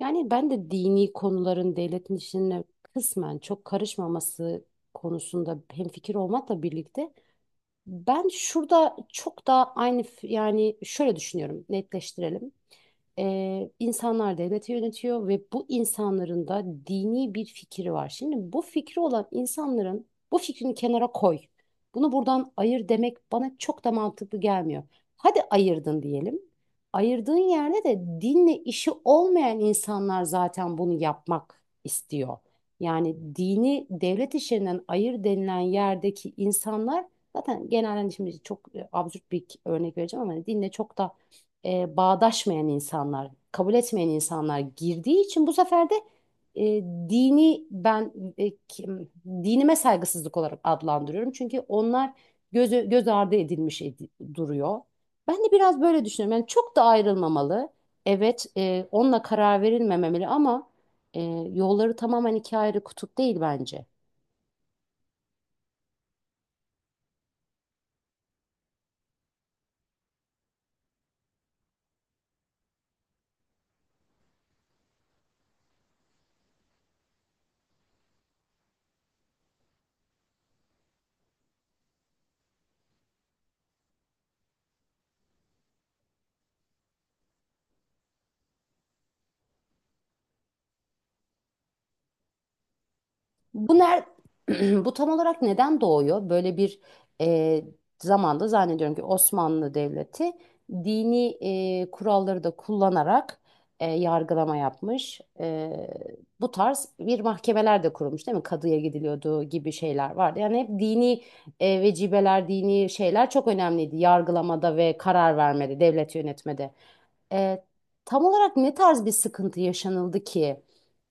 Yani ben de dini konuların devletin işine kısmen çok karışmaması konusunda hemfikir olmakla birlikte ben şurada çok daha aynı yani şöyle düşünüyorum, netleştirelim. İnsanlar devleti yönetiyor ve bu insanların da dini bir fikri var. Şimdi bu fikri olan insanların bu fikrini kenara koy. Bunu buradan ayır demek bana çok da mantıklı gelmiyor. Hadi ayırdın diyelim. Ayırdığın yerde de dinle işi olmayan insanlar zaten bunu yapmak istiyor. Yani dini devlet işlerinden ayır denilen yerdeki insanlar zaten genelde şimdi çok absürt bir örnek vereceğim ama hani dinle çok da bağdaşmayan insanlar, kabul etmeyen insanlar girdiği için bu sefer de e, dini ben dinime saygısızlık olarak adlandırıyorum. Çünkü onlar göz ardı edilmiş duruyor. Ben de biraz böyle düşünüyorum. Yani çok da ayrılmamalı. Evet, onunla karar verilmemeli ama e, yolları tamamen iki ayrı kutup değil bence. Bu ner bu tam olarak neden doğuyor? Böyle bir e, zamanda zannediyorum ki Osmanlı Devleti dini kuralları da kullanarak yargılama yapmış. Bu tarz bir mahkemeler de kurulmuş değil mi? Kadıya gidiliyordu gibi şeyler vardı. Yani hep dini vecibeler, dini şeyler çok önemliydi yargılamada ve karar vermede, devlet yönetmede. E, Tam olarak ne tarz bir sıkıntı yaşanıldı ki?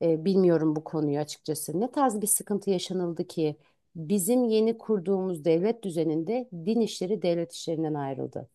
Bilmiyorum bu konuyu açıkçası. Ne tarz bir sıkıntı yaşanıldı ki bizim yeni kurduğumuz devlet düzeninde din işleri devlet işlerinden ayrıldı?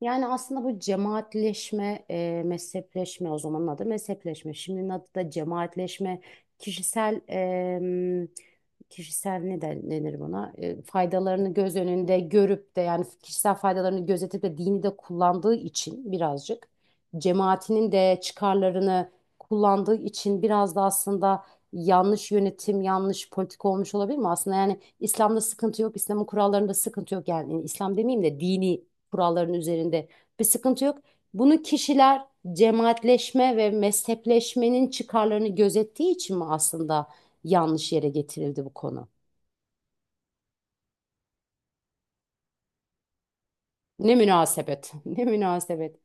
Yani aslında bu cemaatleşme, mezhepleşme, o zamanın adı mezhepleşme. Şimdinin adı da cemaatleşme, kişisel em, kişisel denir buna? Faydalarını göz önünde görüp de, yani kişisel faydalarını gözetip de dini de kullandığı için, birazcık cemaatinin de çıkarlarını kullandığı için biraz da aslında yanlış yönetim, yanlış politika olmuş olabilir mi? Aslında yani İslam'da sıkıntı yok, İslam'ın kurallarında sıkıntı yok. Yani İslam demeyeyim de dini kuralların üzerinde bir sıkıntı yok. Bunu kişiler cemaatleşme ve mezhepleşmenin çıkarlarını gözettiği için mi aslında yanlış yere getirildi bu konu? Ne münasebet, ne münasebet.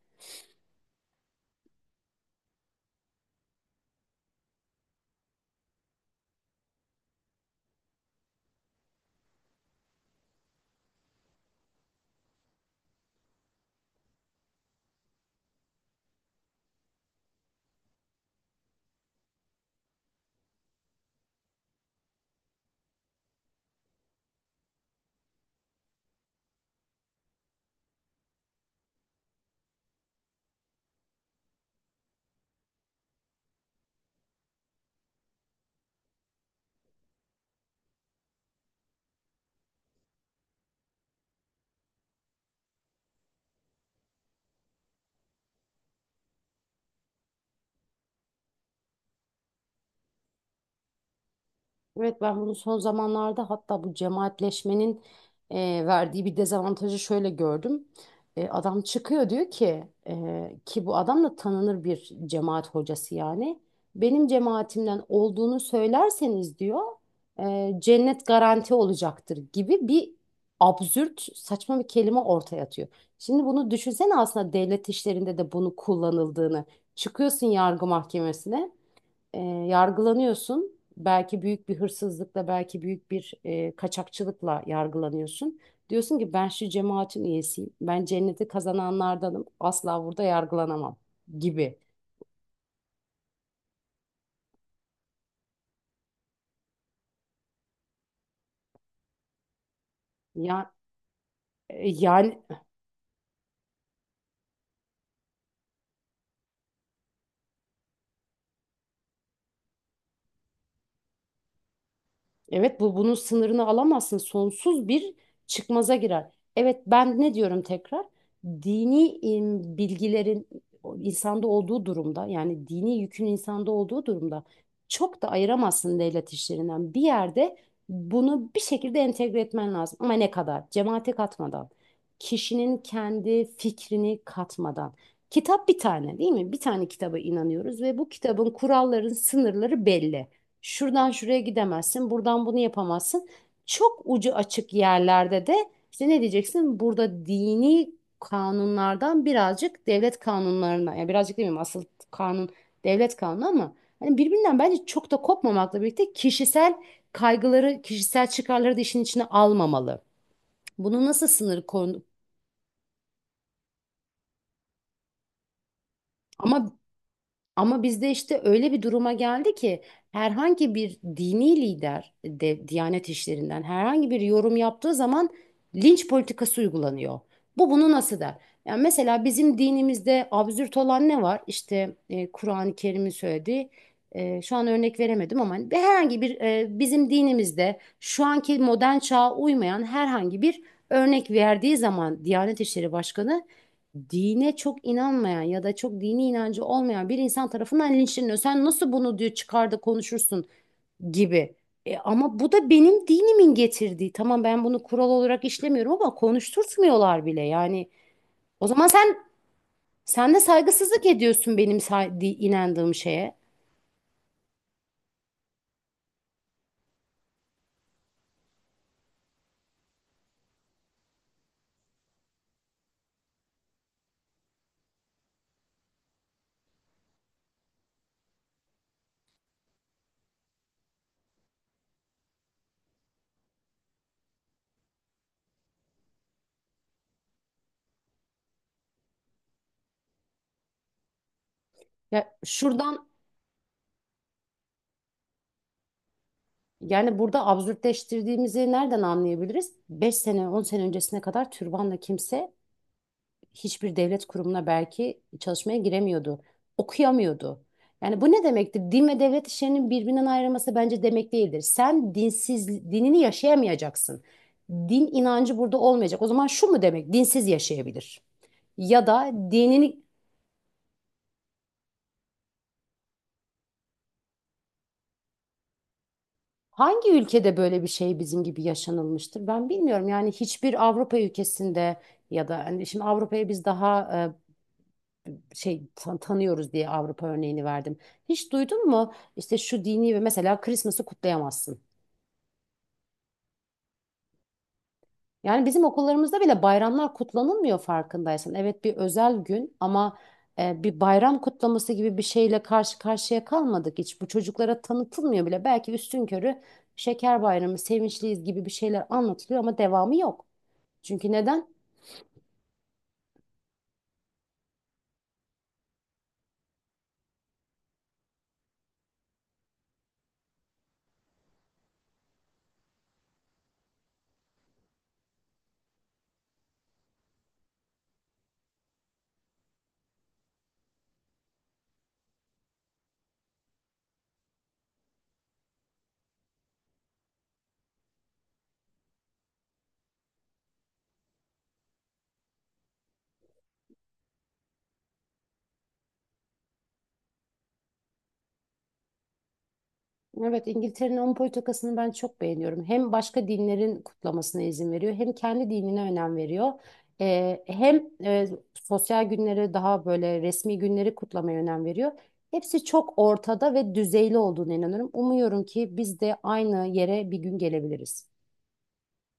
Evet, ben bunu son zamanlarda hatta bu cemaatleşmenin e, verdiği bir dezavantajı şöyle gördüm. Adam çıkıyor diyor ki, ki bu adam da tanınır bir cemaat hocası yani. Benim cemaatimden olduğunu söylerseniz diyor, cennet garanti olacaktır gibi bir absürt, saçma bir kelime ortaya atıyor. Şimdi bunu düşünsene, aslında devlet işlerinde de bunu kullanıldığını. Çıkıyorsun yargı mahkemesine, e, yargılanıyorsun. Belki büyük bir hırsızlıkla, belki büyük bir kaçakçılıkla yargılanıyorsun. Diyorsun ki ben şu cemaatin üyesiyim. Ben cenneti kazananlardanım. Asla burada yargılanamam gibi. Ya, e, yani Evet, bu bunun sınırını alamazsın. Sonsuz bir çıkmaza girer. Evet, ben ne diyorum tekrar? Bilgilerin insanda olduğu durumda, yani dini yükün insanda olduğu durumda çok da ayıramazsın devlet işlerinden. Bir yerde bunu bir şekilde entegre etmen lazım. Ama ne kadar? Cemaate katmadan. Kişinin kendi fikrini katmadan. Kitap bir tane değil mi? Bir tane kitaba inanıyoruz ve bu kitabın kuralların sınırları belli. Şuradan şuraya gidemezsin, buradan bunu yapamazsın. Çok ucu açık yerlerde de işte ne diyeceksin? Burada dini kanunlardan birazcık devlet kanunlarına, yani birazcık demeyeyim, asıl kanun devlet kanunu ama hani birbirinden bence çok da kopmamakla birlikte kişisel kaygıları, kişisel çıkarları da işin içine almamalı. Bunu nasıl sınır konu ama Ama bizde işte öyle bir duruma geldi ki herhangi bir dini lider de Diyanet işlerinden herhangi bir yorum yaptığı zaman linç politikası uygulanıyor. Bu bunu nasıl der? Yani mesela bizim dinimizde absürt olan ne var? İşte Kur'an-ı Kerim'in söylediği, şu an örnek veremedim ama hani herhangi bir, bizim dinimizde şu anki modern çağa uymayan herhangi bir örnek verdiği zaman Diyanet İşleri Başkanı dine çok inanmayan ya da çok dini inancı olmayan bir insan tarafından linçleniyor. Sen nasıl bunu, diyor, çıkar da konuşursun gibi. Ama bu da benim dinimin getirdiği. Tamam, ben bunu kural olarak işlemiyorum ama konuşturtmuyorlar bile. Yani o zaman sen de saygısızlık ediyorsun benim inandığım şeye. Ya şuradan Yani burada absürtleştirdiğimizi nereden anlayabiliriz? 5 sene 10 sene öncesine kadar türbanla kimse hiçbir devlet kurumuna belki çalışmaya giremiyordu. Okuyamıyordu. Yani bu ne demektir? Din ve devlet işlerinin birbirinden ayrılması bence demek değildir. Sen dinsiz, dinini yaşayamayacaksın. Din inancı burada olmayacak. O zaman şu mu demek? Dinsiz yaşayabilir. Ya da dinini Hangi ülkede böyle bir şey bizim gibi yaşanılmıştır? Ben bilmiyorum. Yani hiçbir Avrupa ülkesinde ya da hani, şimdi Avrupa'ya biz daha şey, tanıyoruz diye Avrupa örneğini verdim. Hiç duydun mu? İşte şu dini, ve mesela Christmas'ı kutlayamazsın. Yani bizim okullarımızda bile bayramlar kutlanılmıyor, farkındaysan. Evet, bir özel gün ama bir bayram kutlaması gibi bir şeyle karşı karşıya kalmadık hiç. Bu çocuklara tanıtılmıyor bile. Belki üstünkörü şeker bayramı, sevinçliyiz gibi bir şeyler anlatılıyor ama devamı yok. Çünkü neden? Evet, İngiltere'nin onun politikasını ben çok beğeniyorum. Hem başka dinlerin kutlamasına izin veriyor, hem kendi dinine önem veriyor. Hem sosyal günleri, daha böyle resmi günleri kutlamaya önem veriyor. Hepsi çok ortada ve düzeyli olduğuna inanıyorum. Umuyorum ki biz de aynı yere bir gün gelebiliriz.